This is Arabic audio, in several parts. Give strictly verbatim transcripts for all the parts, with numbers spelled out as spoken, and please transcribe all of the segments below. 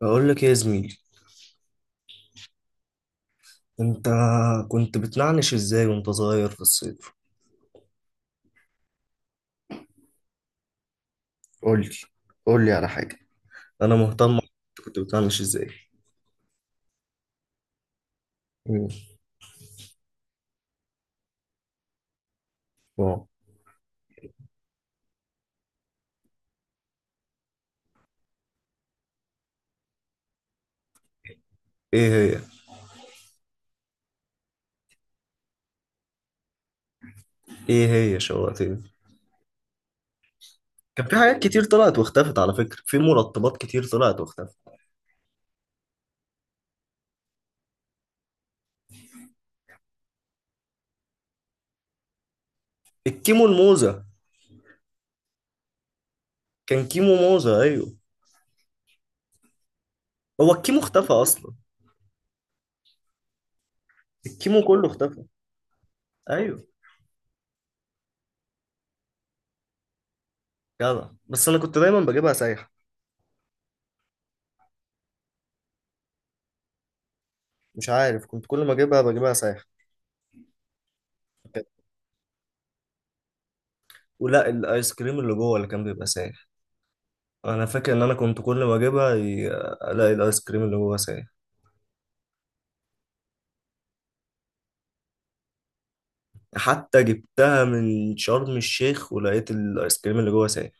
بقول لك إيه يا زميلي؟ انت كنت بتنعنش ازاي وانت صغير في الصيف؟ قول لي، قول لي على حاجة. انا مهتم، انت كنت بتنعنش ازاي؟ مم. واو. ايه هي ايه هي شوقتني. كان في حاجات كتير طلعت واختفت، على فكرة في مرطبات كتير طلعت واختفت. الكيمو الموزة، كان كيمو موزة، ايوه. هو الكيمو اختفى اصلا؟ الكيمو كله اختفى. ايوه. جدع، بس انا كنت دايما بجيبها سايحة. مش عارف، كنت كل ما اجيبها بجيبها سايحة. ولا الايس كريم اللي جوه اللي كان بيبقى سايح. انا فاكر ان انا كنت كل ما اجيبها ي- الاقي الايس كريم اللي جوه سايح. حتى جبتها من شرم الشيخ ولقيت الايس كريم اللي جوه سايح.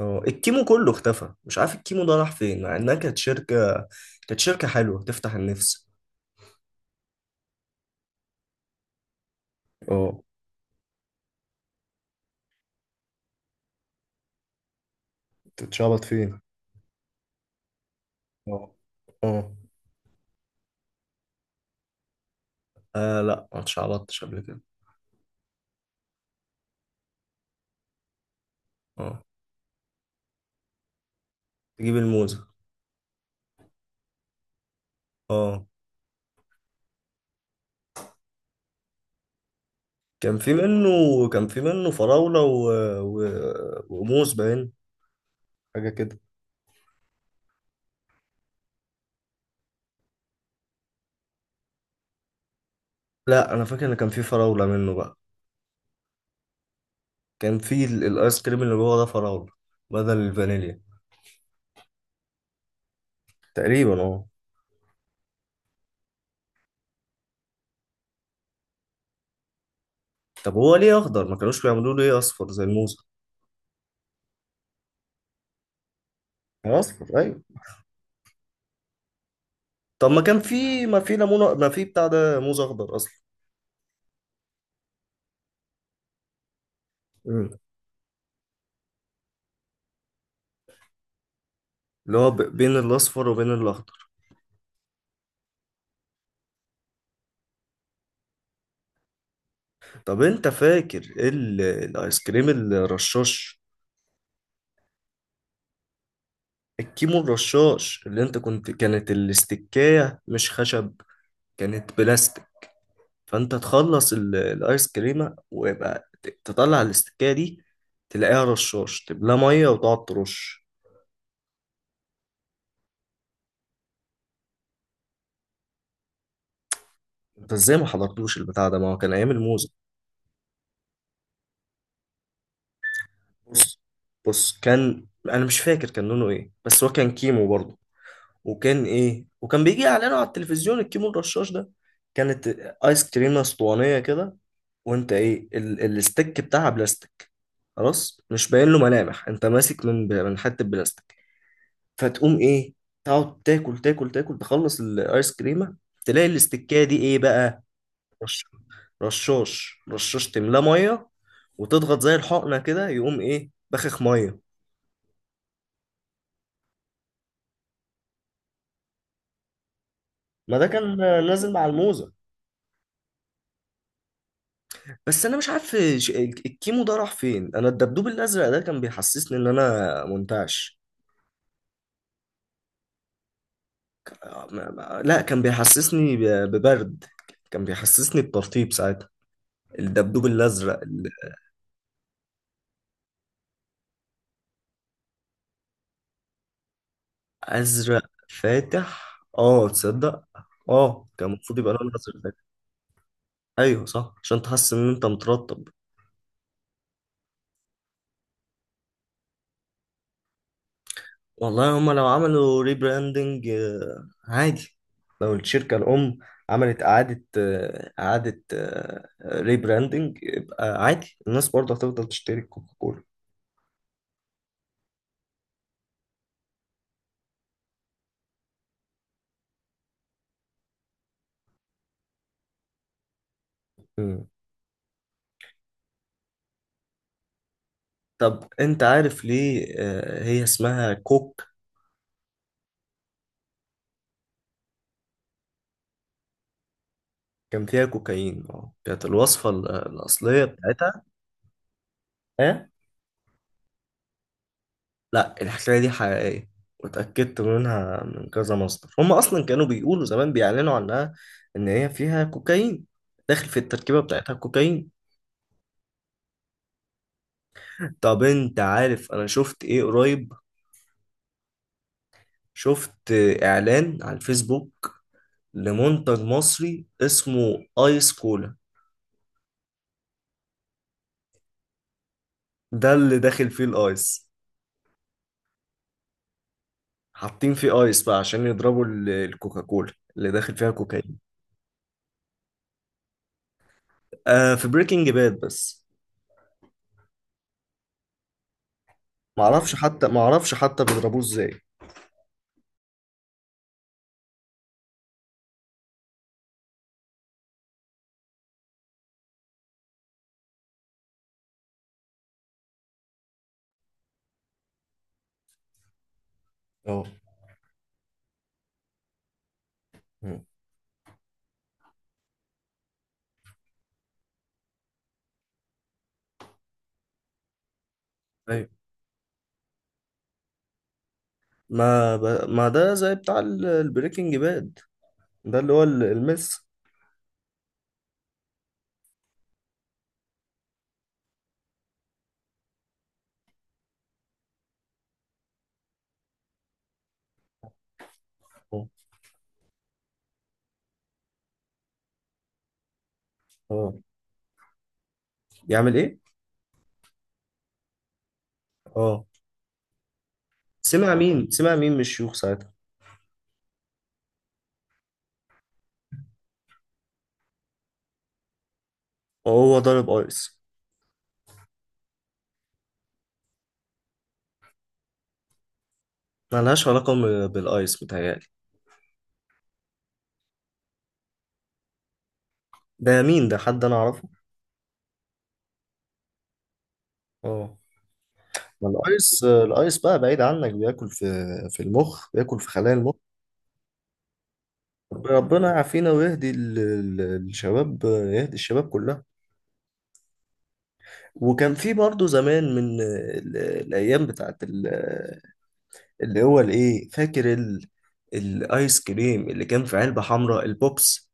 اه الكيمو كله اختفى، مش عارف الكيمو ده راح فين، مع انها كانت شركة، كانت شركة حلوة تفتح النفس. اه. تتشعبط فين؟ اه. اه. آه، لا ما اتشعبطتش قبل كده. اه. تجيب الموزة. اه. كان في منه، كان في منه فراولة و... و... وموز باين، حاجة كده. لا انا فاكر ان كان في فراولة منه بقى. كان في ال- الايس كريم اللي جوه ده فراولة بدل الفانيليا. تقريبا اه. طب هو ليه اخضر؟ ما كانوش بيعملوه ليه اصفر زي الموزة؟ اصفر ايوه. طب ما كان في، ما في ليمون، ما في بتاع ده، موز اخضر اصلا. مم. اللي هو ب- بين الاصفر وبين الاخضر. طب انت فاكر ال- الايس كريم الرشاش؟ الكيمو الرشاش اللي انت كنت، كانت الاستكاية مش خشب، كانت بلاستيك. فانت تخلص ال- الايس كريمه ويبقى ت- تطلع الاستكايه دي، تلاقيها رشاش، تملاه ميه وتقعد ترش. انت ازاي ما حضرتوش البتاع ده؟ ما هو كان ايام الموزه. بص، بص، كان، انا مش فاكر كان لونه ايه، بس هو كان كيمو برضه، وكان ايه، وكان بيجي اعلانه على التلفزيون، الكيمو الرشاش ده، كانت ايس كريمه اسطوانيه كده، وانت ايه، ال- الاستيك بتاعها بلاستيك، خلاص مش باين له ملامح، انت ماسك من من حته بلاستيك، فتقوم ايه، تقعد تاكل تاكل تاكل تخلص الايس كريمه، تلاقي الاستكايه دي ايه بقى، رش- رشاش، رشاش تملاه ميه، وتضغط زي الحقنه كده يقوم ايه، بخخ ميه. ما ده كان نازل مع الموزه. بس انا مش عارف ش- الكيمو ده راح فين. انا الدبدوب الازرق ده كان بيحسسني ان انا منتعش. ما- ما- لا كان بيحسسني ب- ببرد، كان بيحسسني بترطيب ساعتها، الدبدوب الازرق. ازرق فاتح، اه، تصدق؟ اه كان المفروض يبقى لونه ازرق فاتح. ايوه صح، عشان تحس ان انت مترتب. والله هما لو عملوا ريبراندنج عادي، لو الشركة الأم عملت إعادة، آه، إعادة ريبراندنج، يبقى عادي الناس برضه هتفضل تشتري كوكا كولا. مم. طب أنت عارف ليه آه، هي اسمها كوك؟ كان فيها كوكايين، اه، كانت الوصفة ال- الأصلية بتاعتها. إيه؟ لا الحكاية دي حقيقية، واتأكدت منها من كذا مصدر، هم أصلا كانوا بيقولوا زمان، بيعلنوا عنها إن هي فيها كوكايين، داخل في التركيبة بتاعتها كوكايين. طب أنت عارف أنا شفت إيه قريب؟ شفت إعلان على الفيسبوك لمنتج مصري اسمه آيس كولا. ده اللي داخل فيه الآيس. حاطين فيه آيس بقى عشان يضربوا ال- الكوكاكولا اللي داخل فيها كوكايين. آه في بريكنج باد بس. معرفش حتى معرفش حتى بيضربوه إزاي. اه. مم. ما ب... ما ده زي بتاع ال- البريكنج باد، ده اللي هو ال- المس. اه. آه. يعمل ايه؟ اه. سمع مين سمع مين من الشيوخ ساعتها؟ وهو ضارب ايس؟ ملهاش علاقة م- بالايس متهيألي. ده مين؟ ده حد انا اعرفه؟ اه. ما الايس، الايس بقى بعيد عنك بياكل في، في المخ، بياكل في خلايا المخ. ربنا يعافينا ويهدي ال- ال- الشباب، يهدي الشباب كلها. وكان في برضه زمان من ال- الايام بتاعت ال- اللي هو الايه، فاكر ال... الايس كريم اللي كان في علبة حمراء، البوبس؟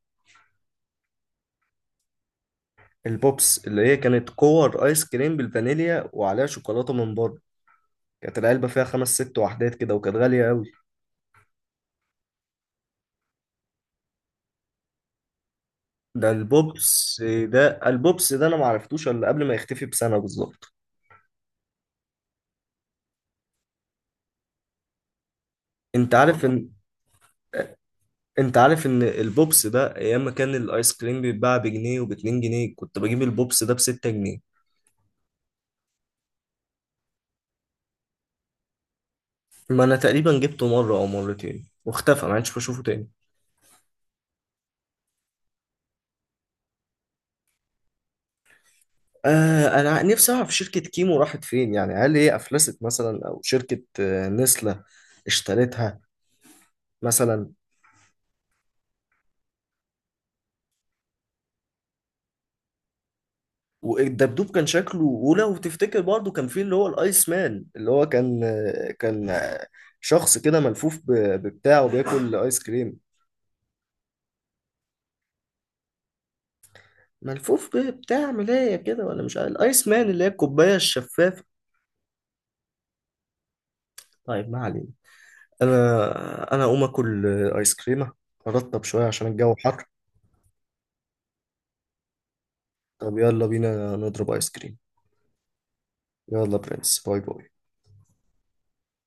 البوبس اللي هي كانت كور ايس كريم بالفانيليا وعليها شوكولاتة من بره، كانت العلبة فيها خمس ست وحدات كده وكانت غالية قوي. ده البوبس، ده البوبس ده انا ما عرفتوش الا قبل ما يختفي بسنة بالظبط. انت عارف ان، انت عارف ان البوبس ده ايام ما كان الايس كريم بيتباع بجنيه وباتنين جنيه، كنت بجيب البوبس ده بستة جنيه. ما انا تقريبا جبته مرة او مرتين واختفى، ما عادش بشوفه تاني. آه انا نفسي اعرف شركة كيمو راحت فين، يعني هل هي افلست مثلا، او شركة آه، نسلة اشترتها مثلا. والدبدوب كان شكله، ولو تفتكر برضو كان فيه اللي هو الايس مان اللي هو كان، آه، كان آه، شخص كده ملفوف ب- ببتاع وبياكل ايس كريم. ملفوف ببتاع ملاية كده، ولا مش عارف، الايس مان اللي هي الكوباية الشفافة. طيب ما علينا. انا انا اقوم اكل آه، ايس كريمة، ارطب شوية عشان الجو حر. طب يلا بينا نضرب ايس كريم. يلا برنس، باي باي.